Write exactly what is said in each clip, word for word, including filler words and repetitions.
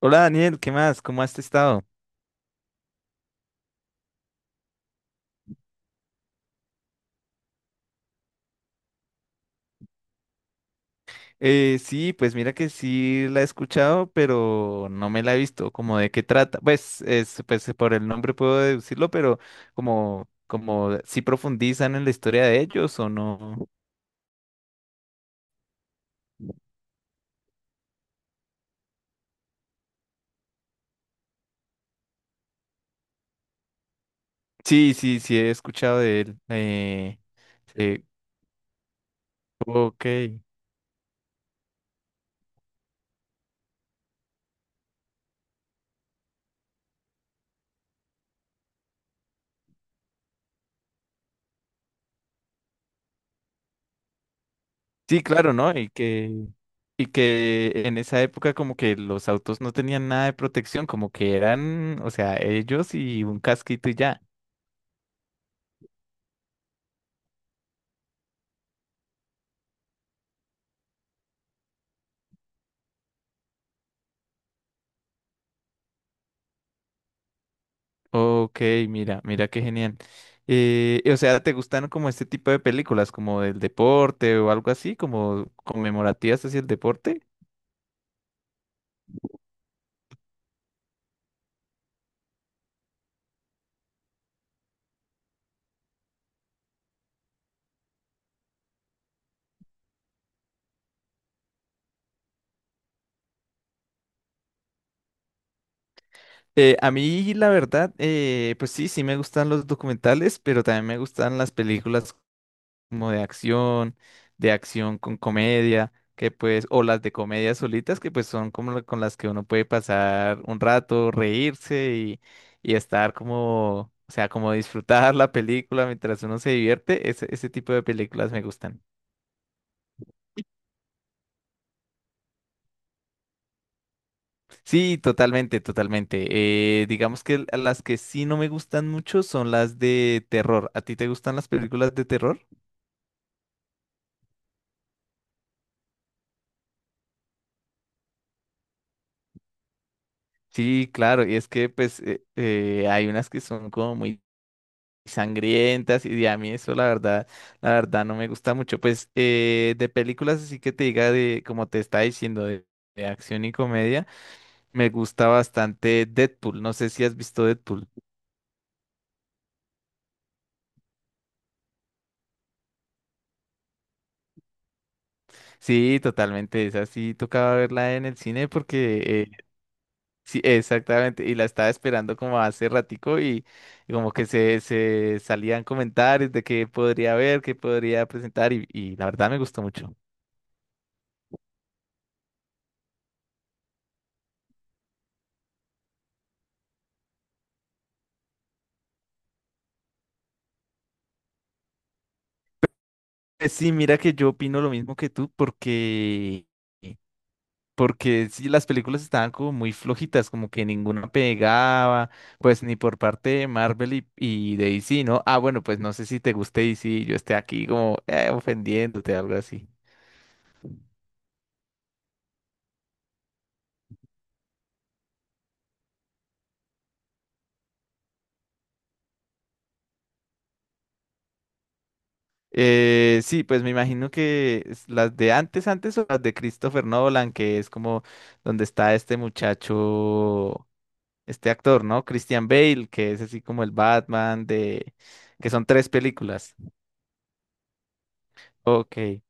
Hola Daniel, ¿qué más? ¿Cómo has estado? Eh, sí, pues mira que sí la he escuchado, pero no me la he visto. ¿Como de qué trata? Pues, es, pues por el nombre puedo deducirlo, pero como, como si profundizan en la historia de ellos o no. Sí, sí, sí he escuchado de él. Eh, eh, ok. Sí, claro, ¿no? Y que Y que en esa época como que los autos no tenían nada de protección, como que eran, o sea, ellos y un casquito y ya. Ok, mira, mira qué genial. Eh, o sea, ¿te gustan como este tipo de películas, como del deporte o algo así, como conmemorativas hacia el deporte? Eh, a mí, la verdad, eh, pues sí, sí me gustan los documentales, pero también me gustan las películas como de acción, de acción con comedia, que pues, o las de comedia solitas, que pues son como la- con las que uno puede pasar un rato, reírse y, y estar como, o sea, como disfrutar la película mientras uno se divierte, ese, ese tipo de películas me gustan. Sí, totalmente, totalmente. Eh, digamos que l- las que sí no me gustan mucho son las de terror. ¿A ti te gustan las películas de terror? Sí, claro, y es que pues eh, eh, hay unas que son como muy sangrientas y a mí eso la verdad, la verdad no me gusta mucho. Pues eh, de películas así que te diga de, como te está diciendo, de, de acción y comedia, me gusta bastante Deadpool. No sé si has visto Deadpool. Sí, totalmente, esa sí tocaba verla en el cine porque eh, sí, exactamente, y la estaba esperando como hace ratico y, y como que se, se salían comentarios de qué podría ver, qué podría presentar y, y la verdad me gustó mucho. Pues sí, mira que yo opino lo mismo que tú porque, eh, porque sí, las películas estaban como muy flojitas, como que ninguna pegaba, pues ni por parte de Marvel y, y de D C, ¿no? Ah, bueno, pues no sé si te guste D C, yo esté aquí como eh, ofendiéndote, algo así. Eh, sí, pues me imagino que es las de antes, antes o las de Christopher Nolan, que es como donde está este muchacho, este actor, ¿no? Christian Bale, que es así como el Batman de... que son tres películas. Ok.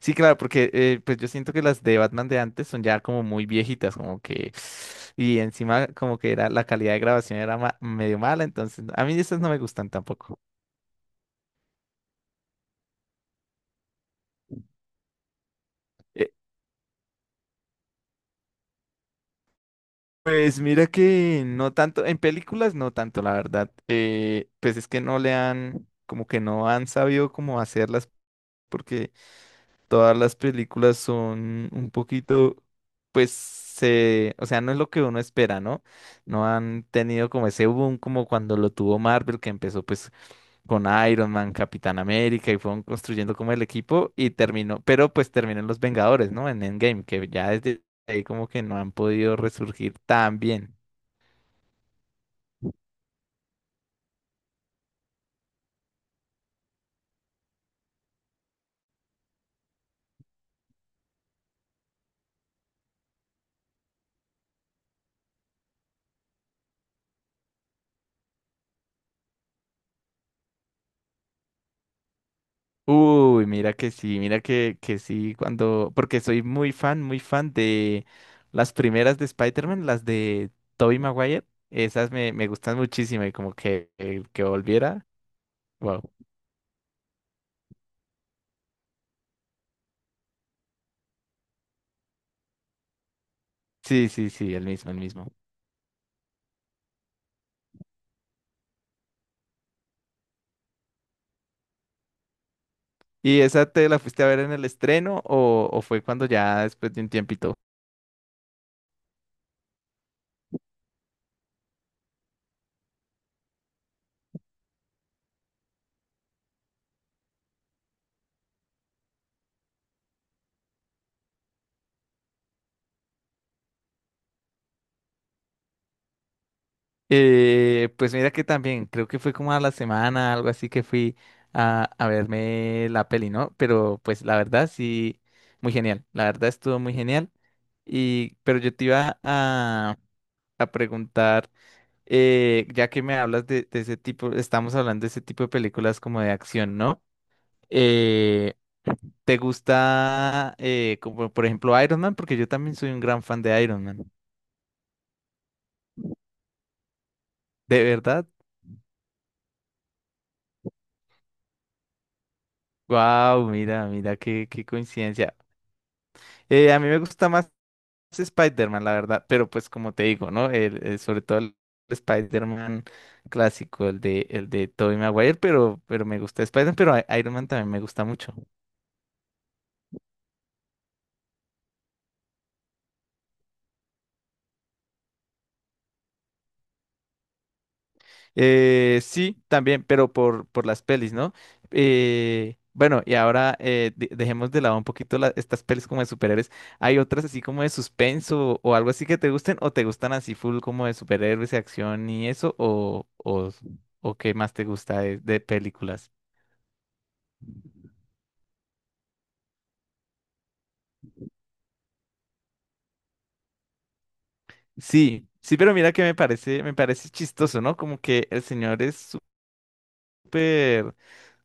Sí, claro, porque eh, pues yo siento que las de Batman de antes son ya como muy viejitas, como que... Y encima como que era la calidad de grabación era ma- medio mala, entonces a mí esas no me gustan tampoco. Pues mira que no tanto, en películas no tanto, la verdad. Eh, pues es que no le han, como que no han sabido cómo hacerlas, porque todas las películas son un poquito, pues se, o sea, no es lo que uno espera, ¿no? No han tenido como ese boom como cuando lo tuvo Marvel, que empezó pues con Iron Man, Capitán América y fueron construyendo como el equipo y terminó, pero pues terminó en Los Vengadores, ¿no? En Endgame, que ya desde ahí como que no han podido resurgir tan bien. Uy, mira que sí, mira que, que sí, cuando, porque soy muy fan, muy fan de las primeras de Spider-Man, las de Tobey Maguire, esas me, me gustan muchísimo y como que, eh, que volviera, wow. Sí, sí, sí, el mismo, el mismo. ¿Y esa te la fuiste a ver en el estreno o, o fue cuando ya después de un tiempito? Eh, pues mira que también, creo que fue como a la semana, algo así que fui a, a verme la peli, ¿no? Pero pues la verdad sí, muy genial, la verdad estuvo muy genial. Y, pero yo te iba a, a preguntar, eh, ya que me hablas de, de ese tipo, estamos hablando de ese tipo de películas como de acción, ¿no? Eh, ¿Te gusta, eh, como por ejemplo, Iron Man? Porque yo también soy un gran fan de Iron Man. ¿De verdad? Wow, mira, mira, qué, qué coincidencia. Eh, a mí me gusta más Spider-Man, la verdad, pero pues como te digo, ¿no? El, el- sobre todo el Spider-Man clásico, el de, el de Tobey Maguire, pero, pero me gusta Spider-Man, pero I- Iron Man también me gusta mucho. Eh, sí, también, pero por, por las pelis, ¿no? Eh, bueno, y ahora eh, de- dejemos de lado un poquito la- estas pelis como de superhéroes. ¿Hay otras así como de suspenso o algo así que te gusten o te gustan así full como de superhéroes y acción y eso o, o, o qué más te gusta de, de películas? Sí, sí, pero mira que me parece, me parece chistoso, ¿no? Como que el señor es súper,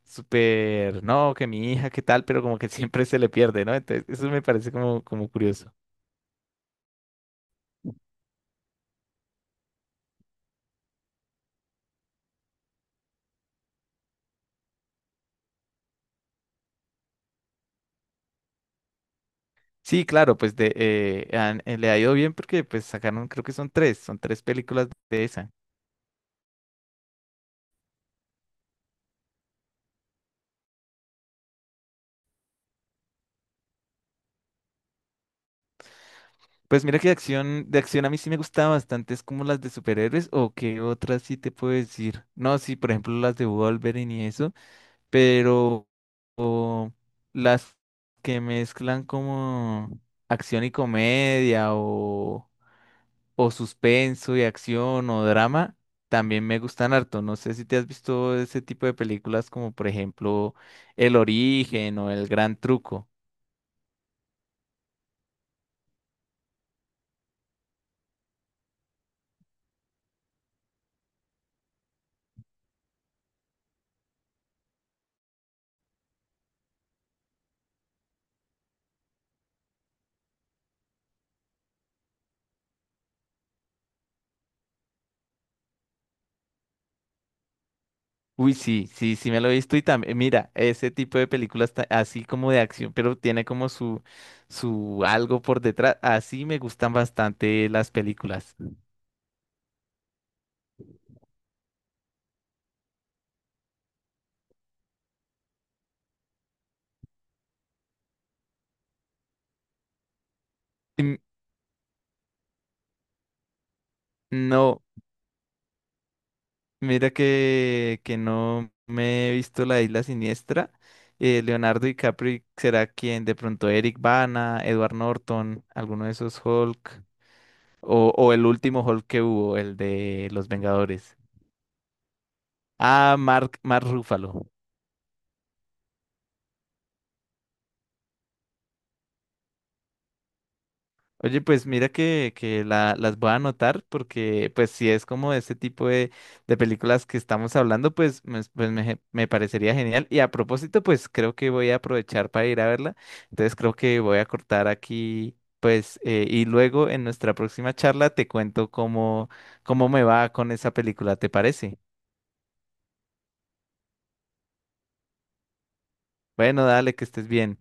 súper, no, que mi hija, qué tal, pero como que siempre se le pierde, ¿no? Entonces, eso me parece como, como curioso. Sí, claro, pues de, eh, han- eh, le ha ido bien porque pues sacaron, creo que son tres, son tres películas de esa. Pues mira que de acción, de acción a mí sí me gustaba bastante, es como las de superhéroes o qué otras sí te puedo decir. No, sí, por ejemplo las de Wolverine y eso, pero o las que mezclan como acción y comedia o... o suspenso y acción o drama, también me gustan harto. No sé si te has visto ese tipo de películas como por ejemplo El Origen o El Gran Truco. Uy, sí, sí, sí me lo he visto y también, mira, ese tipo de películas ta- así como de acción, pero tiene como su, su algo por detrás. Así me gustan bastante las películas. Mm, no. Mira que, que no me he visto La Isla Siniestra. Eh, Leonardo DiCaprio será quien, de pronto Eric Bana, Edward Norton, alguno de esos Hulk, o, o el último Hulk que hubo, el de Los Vengadores. Ah, Mark, Mark Ruffalo. Oye, pues mira que, que la- las voy a anotar porque pues si es como este tipo de, de películas que estamos hablando, pues, me, pues me, me parecería genial. Y a propósito, pues creo que voy a aprovechar para ir a verla. Entonces creo que voy a cortar aquí, pues, eh, y luego en nuestra próxima charla te cuento cómo, cómo me va con esa película, ¿te parece? Bueno, dale, que estés bien.